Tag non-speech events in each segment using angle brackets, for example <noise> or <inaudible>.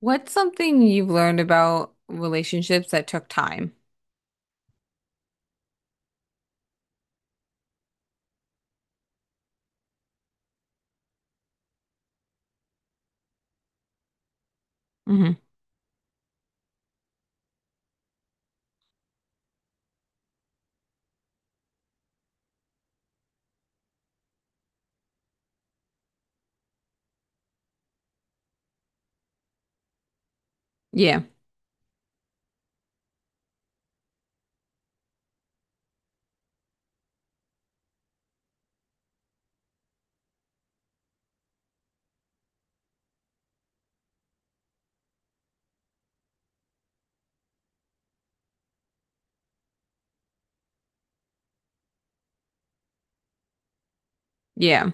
What's something you've learned about relationships that took time? Hmm. Yeah, yeah.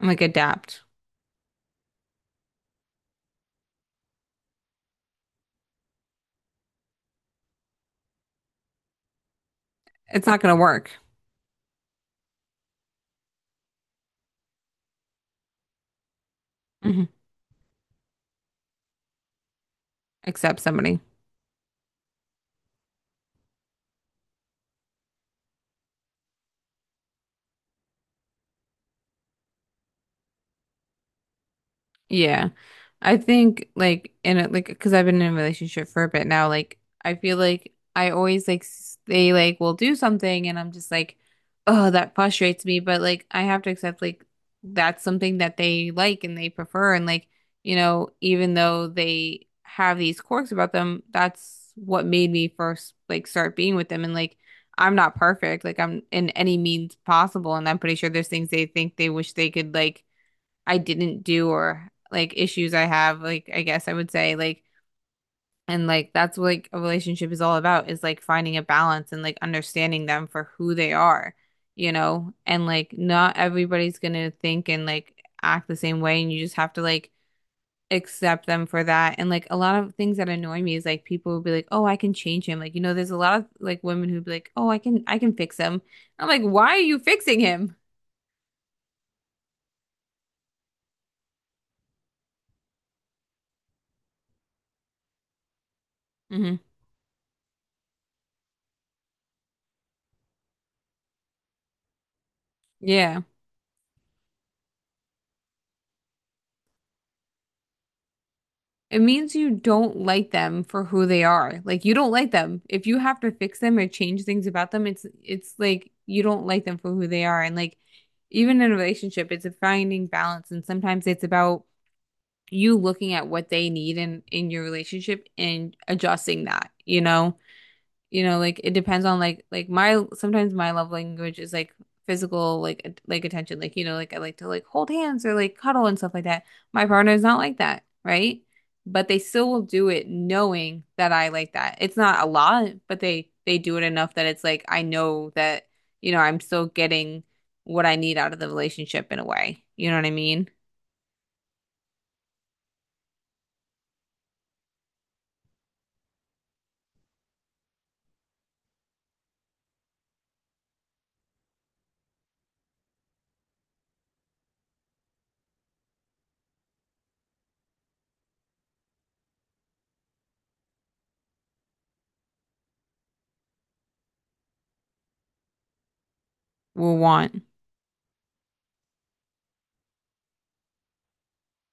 Like adapt. It's not gonna work. Hmm. Accept somebody. Yeah. I think like in a like because I've been in a relationship for a bit now, like I feel like I always they like will do something and I'm just like, oh, that frustrates me. But like I have to accept like that's something that they like and they prefer and like, you know, even though they have these quirks about them, that's what made me first like start being with them and like I'm not perfect. Like I'm in any means possible and I'm pretty sure there's things they think they wish they could like I didn't do or like issues I have, like I guess I would say like and like that's what like a relationship is all about is like finding a balance and like understanding them for who they are, you know? And like not everybody's gonna think and like act the same way and you just have to like accept them for that. And like a lot of things that annoy me is like people will be like, "Oh, I can change him." Like, you know, there's a lot of like women who'd be like, "Oh, I can fix him." I'm like, "Why are you fixing him?" Hmm. Yeah. It means you don't like them for who they are. Like you don't like them. If you have to fix them or change things about them, it's like you don't like them for who they are. And like even in a relationship, it's a finding balance. And sometimes it's about you looking at what they need in your relationship and adjusting that, you know? You know, like it depends on like my sometimes my love language is like physical like attention, like you know, like I like to like hold hands or like cuddle and stuff like that. My partner is not like that, right? But they still will do it knowing that I like that. It's not a lot, but they do it enough that it's like I know that, you know, I'm still getting what I need out of the relationship in a way. You know what I mean? Will want.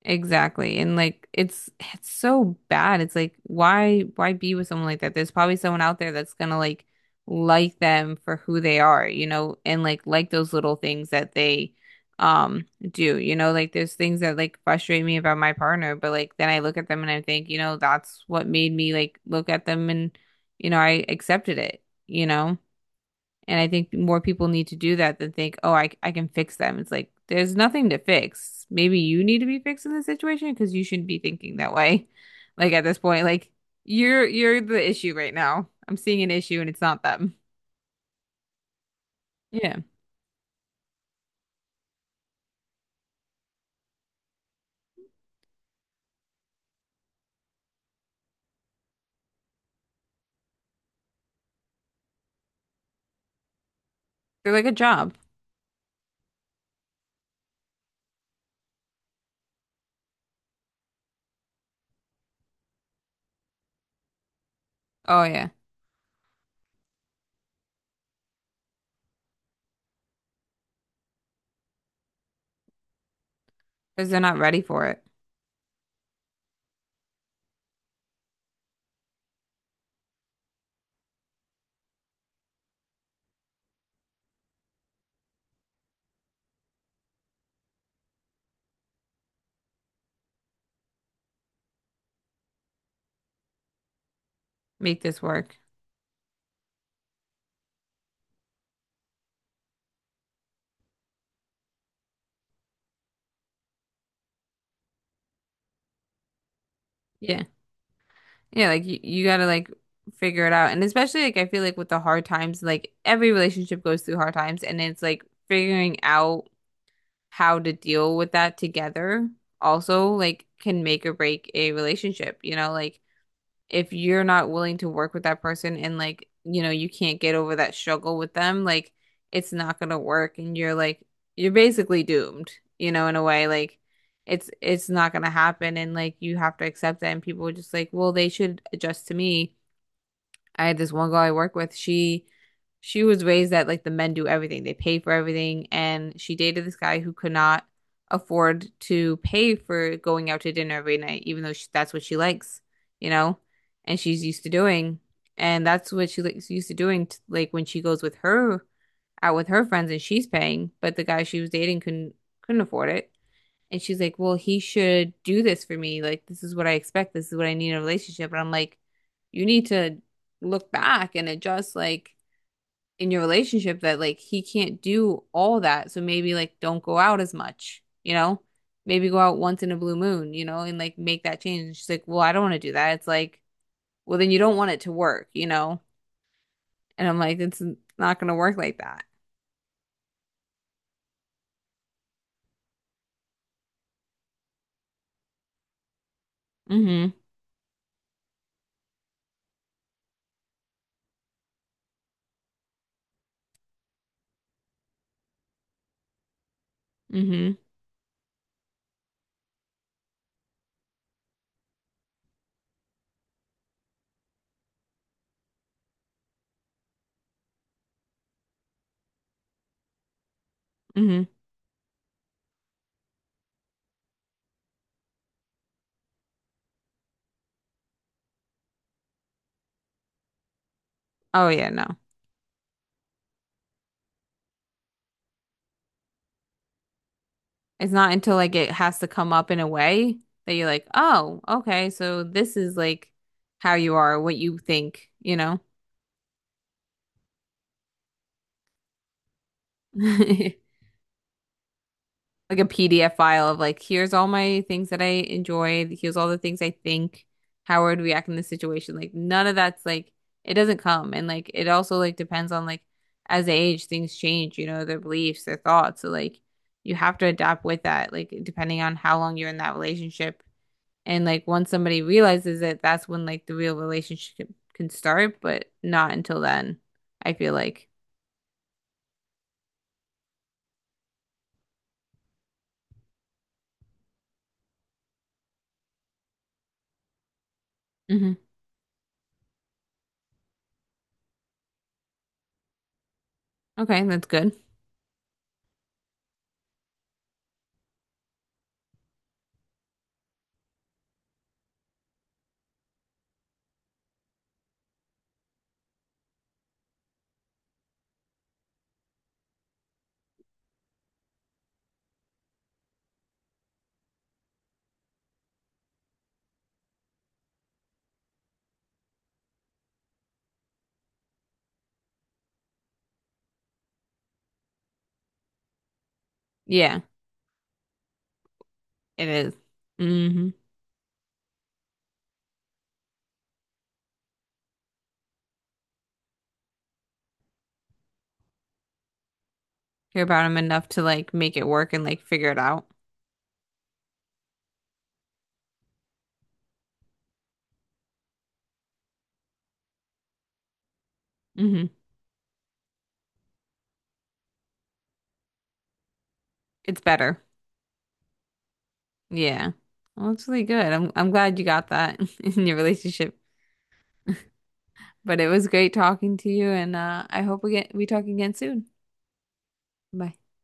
Exactly. And like it's so bad. It's like why be with someone like that? There's probably someone out there that's gonna like them for who they are, you know, and like those little things that they do. You know, like there's things that like frustrate me about my partner, but like then I look at them and I think, you know, that's what made me like look at them and you know, I accepted it, you know? And I think more people need to do that than think, oh, I can fix them. It's like, there's nothing to fix. Maybe you need to be fixed in this situation because you shouldn't be thinking that way. <laughs> Like at this point, like you're the issue right now. I'm seeing an issue and it's not them. Yeah. They're like a job. Oh, yeah. Because they're not ready for it. Make this work. Yeah. Yeah, like you gotta like figure it out. And especially like I feel like with the hard times, like every relationship goes through hard times and it's like figuring out how to deal with that together also like can make or break a relationship, you know, like if you're not willing to work with that person and like, you know, you can't get over that struggle with them, like it's not gonna work and you're like you're basically doomed, you know, in a way like it's not gonna happen and like you have to accept that and people are just like, well, they should adjust to me. I had this one girl I work with. She was raised that like the men do everything. They pay for everything. And she dated this guy who could not afford to pay for going out to dinner every night, even though she, that's what she likes, you know, and she's used to doing. And that's what she likes used to doing t like when she goes with her out with her friends and she's paying, but the guy she was dating couldn't afford it. And she's like, well, he should do this for me. Like, this is what I expect. This is what I need in a relationship. And I'm like, you need to look back and adjust, like, in your relationship that, like, he can't do all that. So maybe, like, don't go out as much, you know? Maybe go out once in a blue moon, you know, and like make that change. And she's like, well, I don't want to do that. It's like, well, then you don't want it to work, you know? And I'm like, it's not going to work like that. Mm-hmm. Mm-hmm. Mm-hmm. Oh, yeah, no. It's not until like it has to come up in a way that you're like, oh, okay, so this is like how you are, what you think, you know? <laughs> Like a PDF file of like, here's all my things that I enjoy, here's all the things I think, how I would react in this situation. Like none of that's like it doesn't come. And like it also like depends on like as they age, things change, you know, their beliefs, their thoughts. So like you have to adapt with that, like depending on how long you're in that relationship. And like once somebody realizes it, that's when like the real relationship can start, but not until then, I feel like. Hmm. Okay, that's good. Yeah, it is. Mm-hmm. Care about him enough to like make it work and like figure it out. Hmm. It's better. Yeah. Well, it's really good. I'm glad you got that <laughs> in your relationship. But it was great talking to you, and I hope we talk again soon. Bye.